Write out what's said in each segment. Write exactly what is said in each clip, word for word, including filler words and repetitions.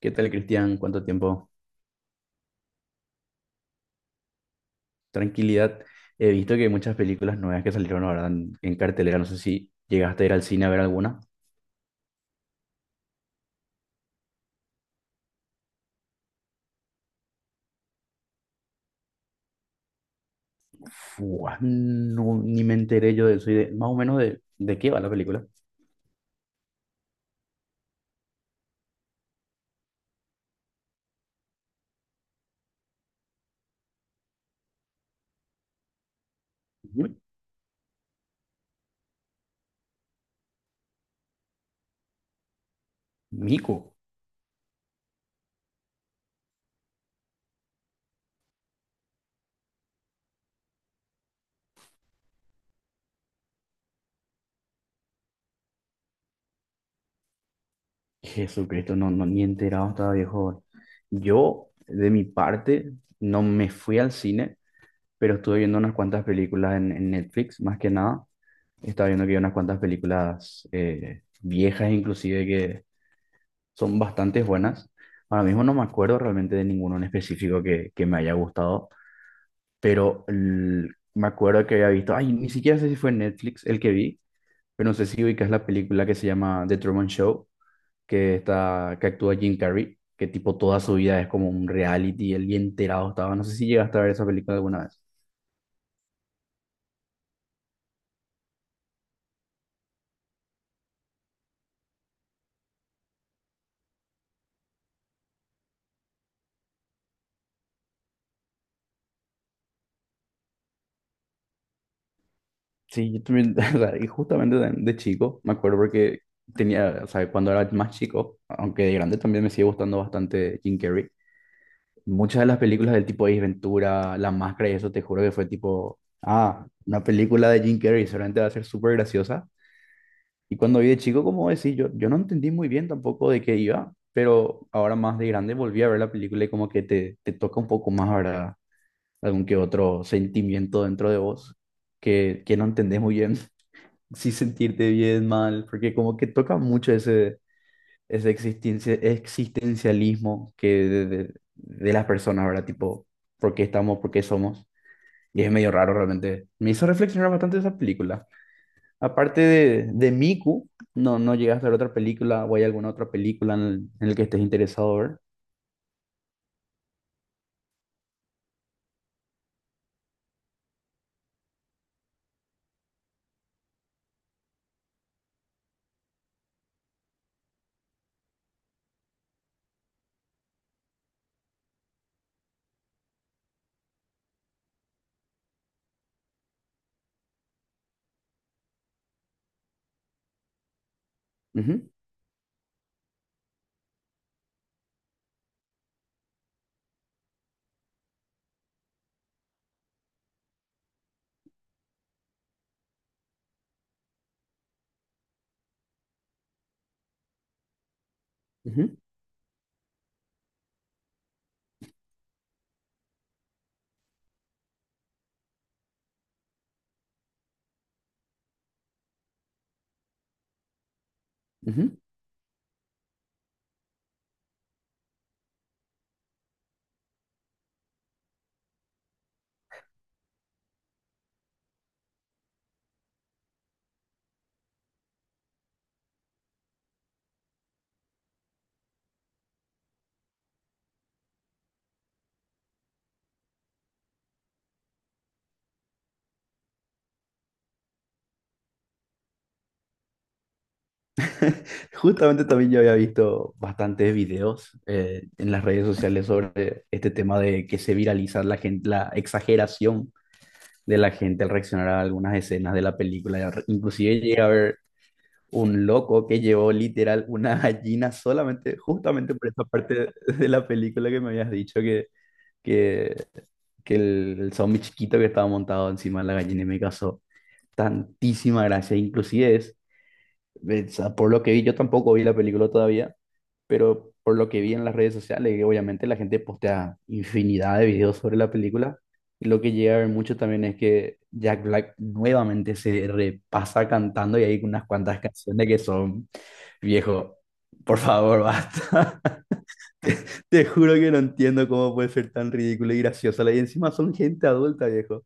¿Qué tal, Cristian? ¿Cuánto tiempo? Tranquilidad. He visto que hay muchas películas nuevas que salieron ahora en, en cartelera. No sé si llegaste a ir al cine a ver alguna. Fua, no, ni me enteré yo de eso. Y de- más o menos de, de qué va la película. Uy, Mico. Jesucristo, no, no, ni enterado estaba, viejo. Yo, de mi parte, no me fui al cine, pero estuve viendo unas cuantas películas en, en Netflix, más que nada. Estaba viendo que hay unas cuantas películas eh, viejas, inclusive, que son bastante buenas. Ahora mismo no me acuerdo realmente de ninguno en específico que, que me haya gustado, pero el- me acuerdo que había visto, ay, ni siquiera sé si fue en Netflix el que vi, pero no sé si ubicas la película que se llama The Truman Show, que está, que actúa Jim Carrey, que tipo toda su vida es como un reality, el día enterado estaba. No sé si llegaste a ver esa película alguna vez. Sí, yo también, o sea, y justamente de, de chico, me acuerdo porque tenía, o sea, cuando era más chico, aunque de grande también me sigue gustando bastante Jim Carrey. Muchas de las películas del tipo Ace Ventura, La Máscara y eso, te juro que fue tipo, ah, una película de Jim Carrey, seguramente va a ser súper graciosa. Y cuando vi de chico, como decís, yo, yo no entendí muy bien tampoco de qué iba, pero ahora más de grande volví a ver la película y como que te, te toca un poco más, ¿verdad? Algún que otro sentimiento dentro de vos que, que no entendés muy bien si sentirte bien, mal, porque como que toca mucho ese ese existencia, existencialismo que de, de- de las personas, ¿verdad? Tipo, ¿por qué estamos? ¿Por qué somos? Y es medio raro realmente. Me hizo reflexionar bastante esa película. Aparte de, de Miku, no, no llegaste a ver otra película o hay alguna otra película en, el, en la que estés interesado ver. Ujú, ujú, ujú. Justamente también yo había visto bastantes videos eh, en las redes sociales sobre este tema de que se viraliza la gente, la exageración de la gente al reaccionar a algunas escenas de la película. Inclusive llegué a ver un loco que llevó literal una gallina solamente, justamente por esa parte de de la película que me habías dicho que, que, que el, el zombie chiquito que estaba montado encima de la gallina y me causó tantísima gracia. Inclusive es eh, o sea, por lo que vi, yo tampoco vi la película todavía, pero por lo que vi en las redes sociales, que obviamente la gente postea infinidad de videos sobre la película, y lo que llega a ver mucho también es que Jack Black nuevamente se repasa cantando y hay unas cuantas canciones que son, viejo, por favor, basta. Te juro que no entiendo cómo puede ser tan ridículo y graciosa. Y encima son gente adulta, viejo.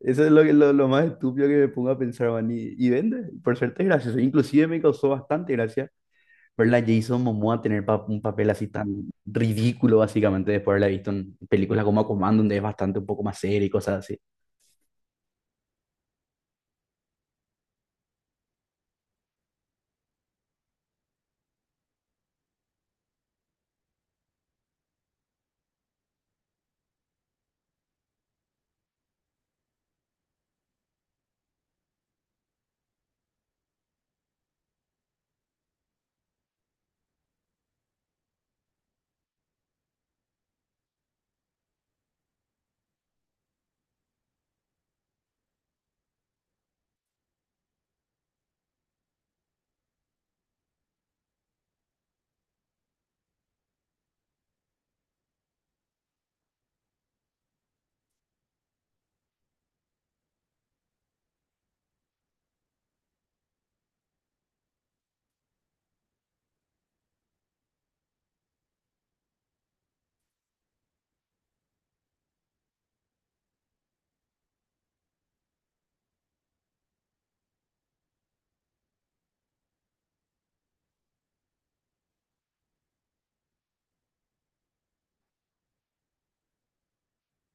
Eso es lo, que- lo, lo más estúpido que me pongo a pensar, man. Y, y vende, por suerte es gracioso. Inclusive me causó bastante gracia ver a Jason Momoa tener pa- un papel así tan ridículo, básicamente, después de haberla visto en películas como Command, donde es bastante un poco más serio y cosas así.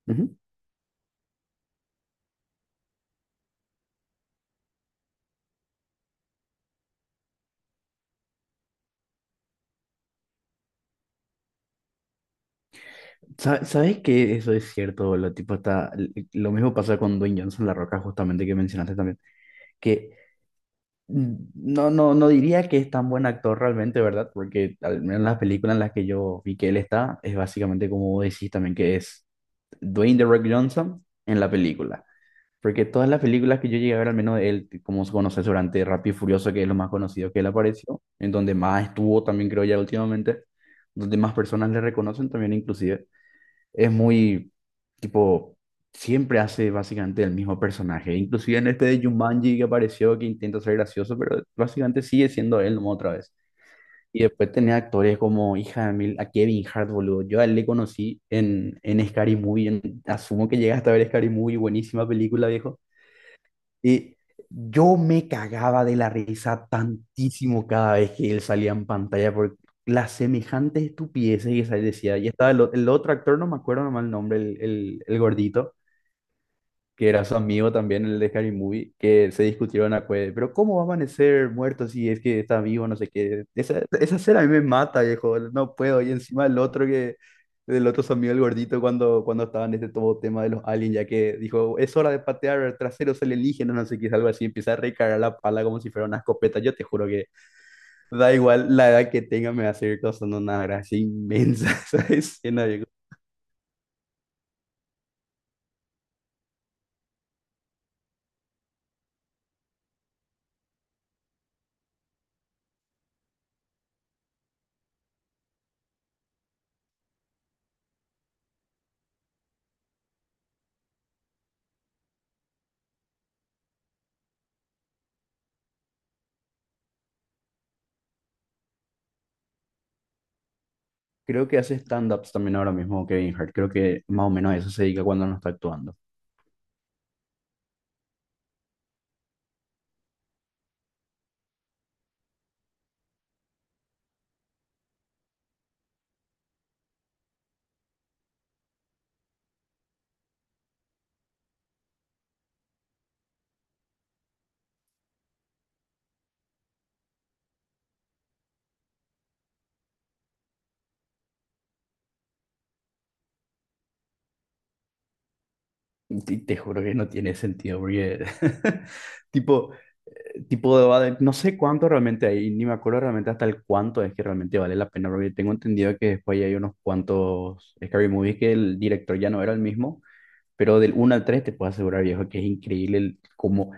Ujú. Sa- ¿Sabes que eso es cierto? Lo, tipo está, lo mismo pasa con Dwayne Johnson, La Roca, justamente que mencionaste también que no, no, no diría que es tan buen actor realmente, ¿verdad? Porque al menos en las películas en las que yo vi que él está, es básicamente como vos decís también, que es Dwayne The Rock Johnson en la película. Porque todas las películas que yo llegué a ver, al menos de él, como se conoce durante Rápido y Furioso, que es lo más conocido que él apareció, en donde más estuvo también, creo ya últimamente, donde más personas le reconocen también inclusive es muy, tipo, siempre hace básicamente el mismo personaje. Inclusive en este de Jumanji que apareció, que intenta ser gracioso, pero básicamente sigue siendo él nomás otra vez. Y después tenés actores como, hija de mil, a Kevin Hart, boludo. Yo a él le conocí en, en Scary Movie. En- asumo que llegaste a ver Scary Movie, buenísima película, viejo. Y yo me cagaba de la risa tantísimo cada vez que él salía en pantalla por las semejantes estupideces que sa- decía. Y estaba el, o- el otro actor, no me acuerdo nomás el nombre, el, el- el gordito, que era su amigo también, el de Harry Movie, que se discutieron a cueve, pero ¿cómo va a amanecer muerto si es que está vivo, no sé qué? Esa, esa escena a mí me mata, viejo, no puedo. Y encima el otro que, del otro su amigo el gordito, cuando, cuando estaba en este todo tema de los aliens, ya que dijo, es hora de patear traseros alienígenas, no sé qué, algo así, empieza a recargar la pala como si fuera una escopeta. Yo te juro que da igual la edad que tenga, me va a seguir causando una gracia inmensa esa escena. Creo que hace stand-ups también ahora mismo Kevin Hart. Creo que más o menos a eso se dedica cuando no está actuando. Te, te juro que no tiene sentido porque tipo, tipo de, va de- no sé cuánto realmente hay, ni me acuerdo realmente hasta el cuánto es que realmente vale la pena, porque tengo entendido que después hay unos cuantos Scary Movies que el director ya no era el mismo. Pero del uno al tres te puedo asegurar, viejo, que es increíble el- cómo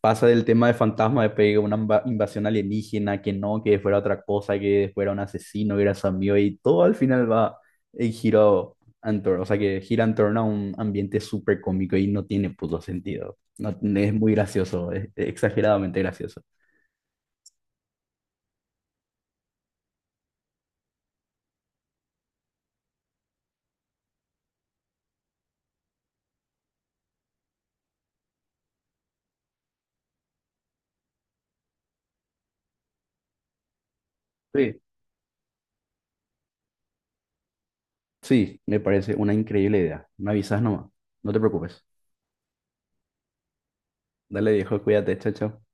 pasa del tema de fantasma, de pedir una inva- invasión alienígena, que no, que fuera otra cosa, que después era un asesino, que era su amigo, y todo al final va el giro en torno- o sea, que gira en torno a un ambiente súper cómico y no tiene puto sentido. No, es muy gracioso, es exageradamente gracioso. Sí. Sí, me parece una increíble idea. Me avisas nomás, no te preocupes. Dale, viejo, cuídate, chao, chao.